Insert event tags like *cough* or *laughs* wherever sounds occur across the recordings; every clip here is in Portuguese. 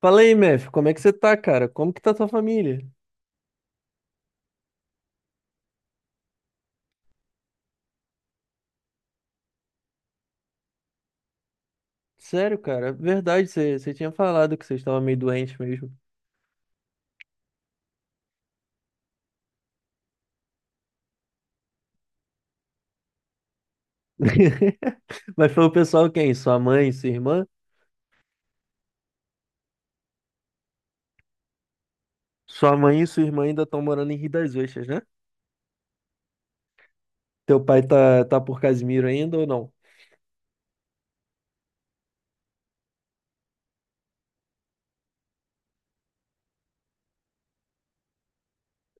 Fala aí, Mef, como é que você tá, cara? Como que tá tua família? Sério, cara, verdade, você tinha falado que você estava meio doente mesmo. *laughs* Mas foi o pessoal quem? Sua mãe e sua irmã? Sua mãe e sua irmã ainda estão morando em Rio das Ostras, né? Teu pai tá por Casimiro ainda ou não?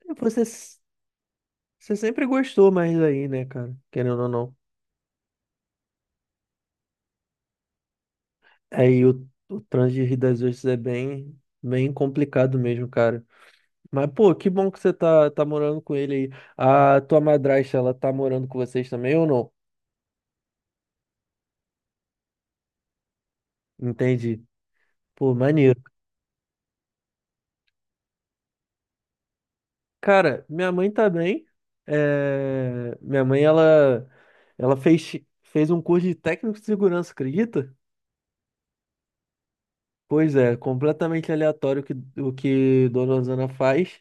É. Você sempre gostou mais daí, né, cara? Querendo ou não. Aí o trânsito de Rio das Ostras é bem complicado mesmo, cara. Mas, pô, que bom que você tá morando com ele aí. A tua madrasta, ela tá morando com vocês também ou não? Entendi. Pô, maneiro. Cara, minha mãe tá bem. É. Minha mãe, ela fez um curso de técnico de segurança, acredita? Pois é, completamente aleatório o que Dona Osana faz.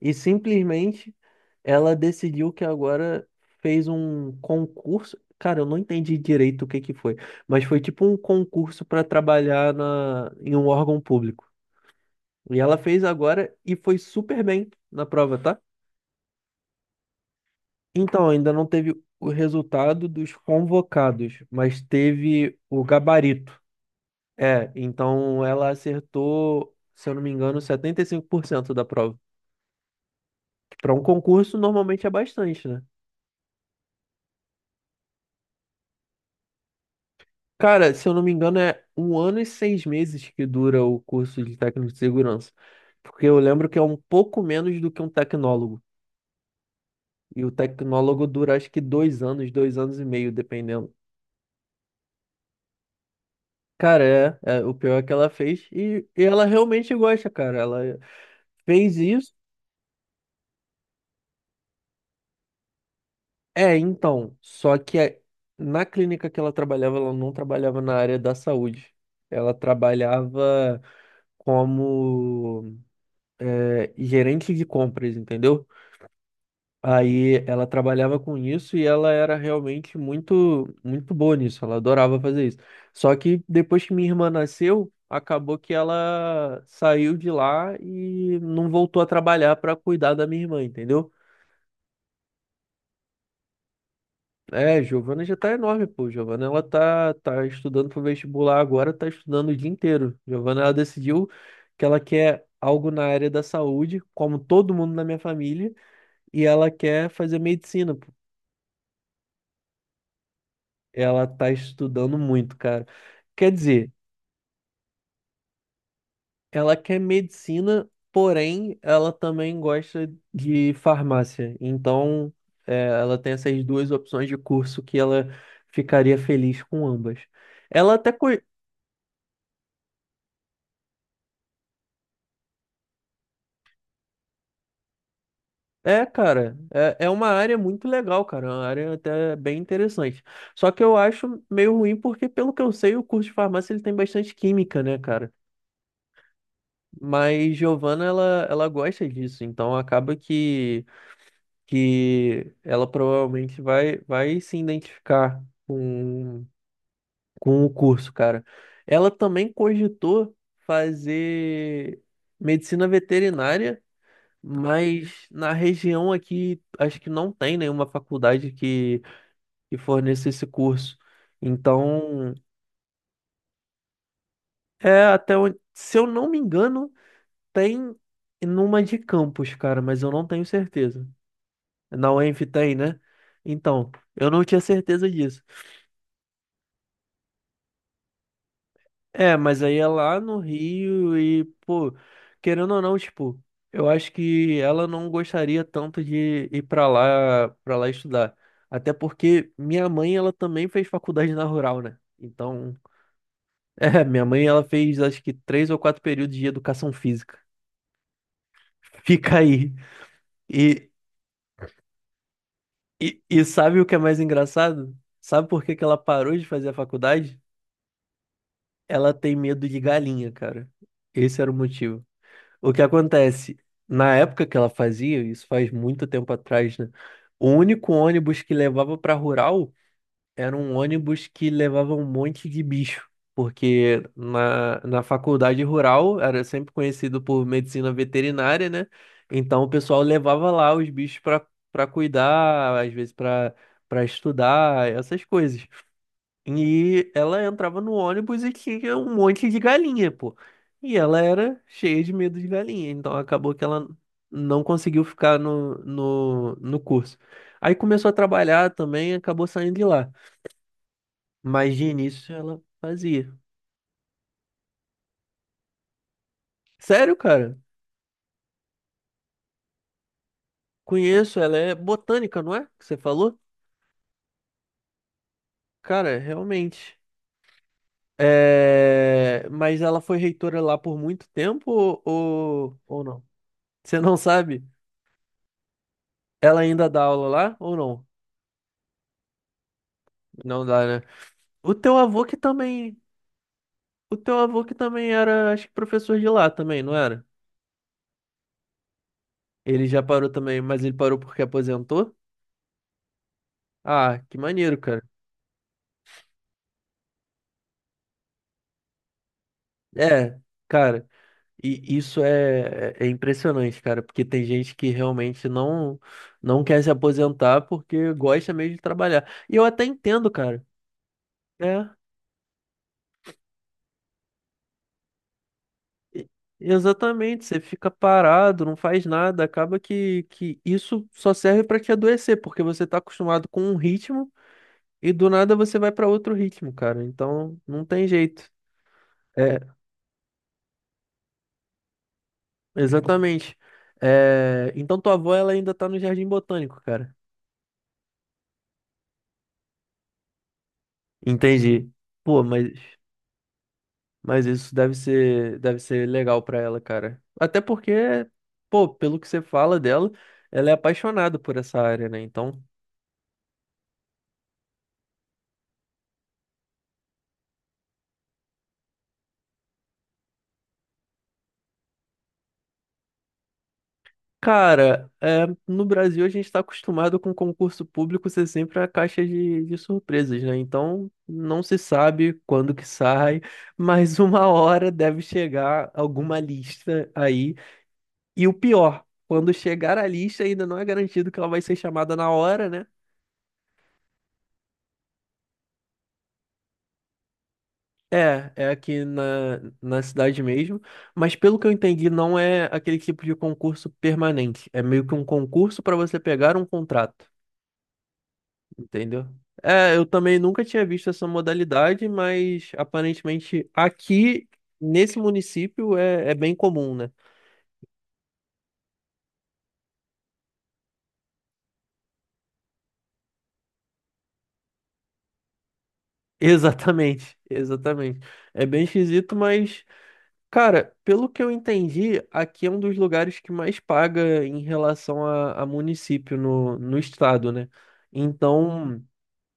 E simplesmente ela decidiu que agora fez um concurso. Cara, eu não entendi direito o que que foi, mas foi tipo um concurso para trabalhar em um órgão público. E ela fez agora e foi super bem na prova, tá? Então, ainda não teve o resultado dos convocados, mas teve o gabarito. É, então ela acertou, se eu não me engano, 75% da prova. Que para um concurso normalmente é bastante, né? Cara, se eu não me engano, é 1 ano e 6 meses que dura o curso de técnico de segurança. Porque eu lembro que é um pouco menos do que um tecnólogo. E o tecnólogo dura acho que 2 anos, 2 anos e meio, dependendo. Cara, o pior é que ela fez e ela realmente gosta, cara. Ela fez isso. É, então, só que na clínica que ela trabalhava, ela não trabalhava na área da saúde. Ela trabalhava como gerente de compras, entendeu? Aí ela trabalhava com isso e ela era realmente muito, muito boa nisso. Ela adorava fazer isso. Só que depois que minha irmã nasceu, acabou que ela saiu de lá e não voltou a trabalhar para cuidar da minha irmã, entendeu? É, Giovana já tá enorme, pô. Giovana, ela tá estudando pro vestibular agora, tá estudando o dia inteiro. Giovana, ela decidiu que ela quer algo na área da saúde, como todo mundo na minha família, e ela quer fazer medicina, pô. Ela tá estudando muito, cara. Quer dizer, ela quer medicina, porém, ela também gosta de farmácia. Então, ela tem essas duas opções de curso que ela ficaria feliz com ambas. Ela até co- É, cara, é uma área muito legal, cara, é uma área até bem interessante. Só que eu acho meio ruim porque, pelo que eu sei, o curso de farmácia ele tem bastante química, né, cara? Mas Giovana, ela gosta disso, então acaba que ela provavelmente vai se identificar com, com o curso, cara. Ela também cogitou fazer medicina veterinária. Mas na região aqui, acho que não tem nenhuma faculdade que forneça esse curso. Então, é até onde, se eu não me engano, tem numa de campus, cara, mas eu não tenho certeza. Na UENF tem, né? Então, eu não tinha certeza disso. É, mas aí é lá no Rio e, pô, querendo ou não, tipo, eu acho que ela não gostaria tanto de ir pra lá, para lá estudar. Até porque minha mãe, ela também fez faculdade na rural, né? Então, *laughs* é, minha mãe, ela fez acho que três ou quatro períodos de educação física. *laughs* Fica aí. E, e sabe o que é mais engraçado? Sabe por que que ela parou de fazer a faculdade? Ela tem medo de galinha, cara. Esse era o motivo. O que acontece? Na época que ela fazia, isso faz muito tempo atrás, né? O único ônibus que levava para rural era um ônibus que levava um monte de bicho, porque na faculdade rural era sempre conhecido por medicina veterinária, né? Então o pessoal levava lá os bichos para cuidar, às vezes para estudar, essas coisas. E ela entrava no ônibus e tinha um monte de galinha, pô. E ela era cheia de medo de galinha, então acabou que ela não conseguiu ficar no curso. Aí começou a trabalhar também e acabou saindo de lá. Mas de início ela fazia. Sério, cara? Conheço, ela é botânica, não é? Que você falou? Cara, realmente. Mas ela foi reitora lá por muito tempo ou não? Você não sabe? Ela ainda dá aula lá ou não? Não dá, né? O teu avô que também. O teu avô que também era, acho que professor de lá também, não era? Ele já parou também, mas ele parou porque aposentou? Ah, que maneiro, cara. É, cara, e isso é impressionante, cara, porque tem gente que realmente não quer se aposentar porque gosta mesmo de trabalhar. E eu até entendo, cara. É, e- exatamente, você fica parado, não faz nada, acaba que isso só serve pra te adoecer, porque você tá acostumado com um ritmo. E do nada você vai para outro ritmo, cara. Então não tem jeito. É, exatamente. É, então tua avó ela ainda tá no Jardim Botânico, cara. Entendi. Pô, mas isso deve ser legal pra ela, cara. Até porque, pô, pelo que você fala dela, ela é apaixonada por essa área, né? Então cara, no Brasil a gente está acostumado com concurso público ser sempre a caixa de surpresas, né? Então não se sabe quando que sai, *laughs* mas uma hora deve chegar alguma lista aí. E o pior, quando chegar a lista ainda não é garantido que ela vai ser chamada na hora, né? É, é aqui na cidade mesmo, mas pelo que eu entendi, não é aquele tipo de concurso permanente. É meio que um concurso para você pegar um contrato. Entendeu? É, eu também nunca tinha visto essa modalidade, mas aparentemente aqui nesse município é bem comum, né? *laughs* Exatamente, exatamente. É bem esquisito, mas, cara, pelo que eu entendi, aqui é um dos lugares que mais paga em relação a município no estado, né? Então,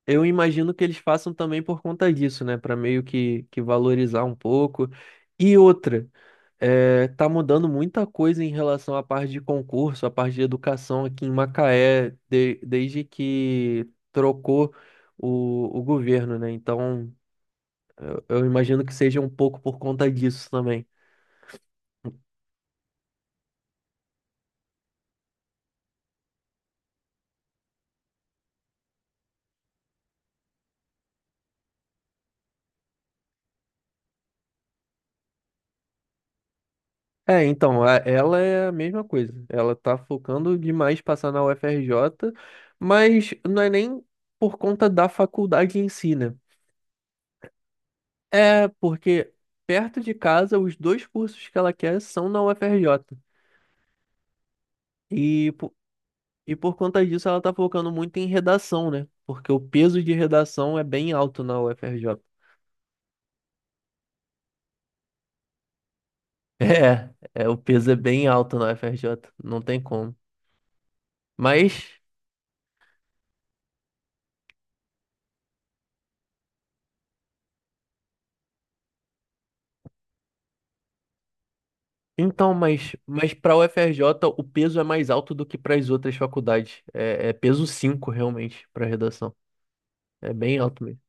eu imagino que eles façam também por conta disso, né? Para meio que valorizar um pouco. E outra. É, tá mudando muita coisa em relação à parte de concurso, à parte de educação aqui em Macaé, desde que trocou o governo, né? Então, eu imagino que seja um pouco por conta disso também. É, então, ela é a mesma coisa. Ela tá focando demais passar na UFRJ, mas não é nem por conta da faculdade em si, né? É porque perto de casa, os dois cursos que ela quer são na UFRJ. E E por conta disso, ela tá focando muito em redação, né? Porque o peso de redação é bem alto na UFRJ. *laughs* É, é, o peso é bem alto na UFRJ, não tem como. Mas, então, para a UFRJ o peso é mais alto do que para as outras faculdades. É, é peso 5 realmente, para redação. É bem alto mesmo.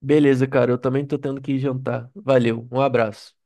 Beleza, cara, eu também tô tendo que ir jantar. Valeu, um abraço.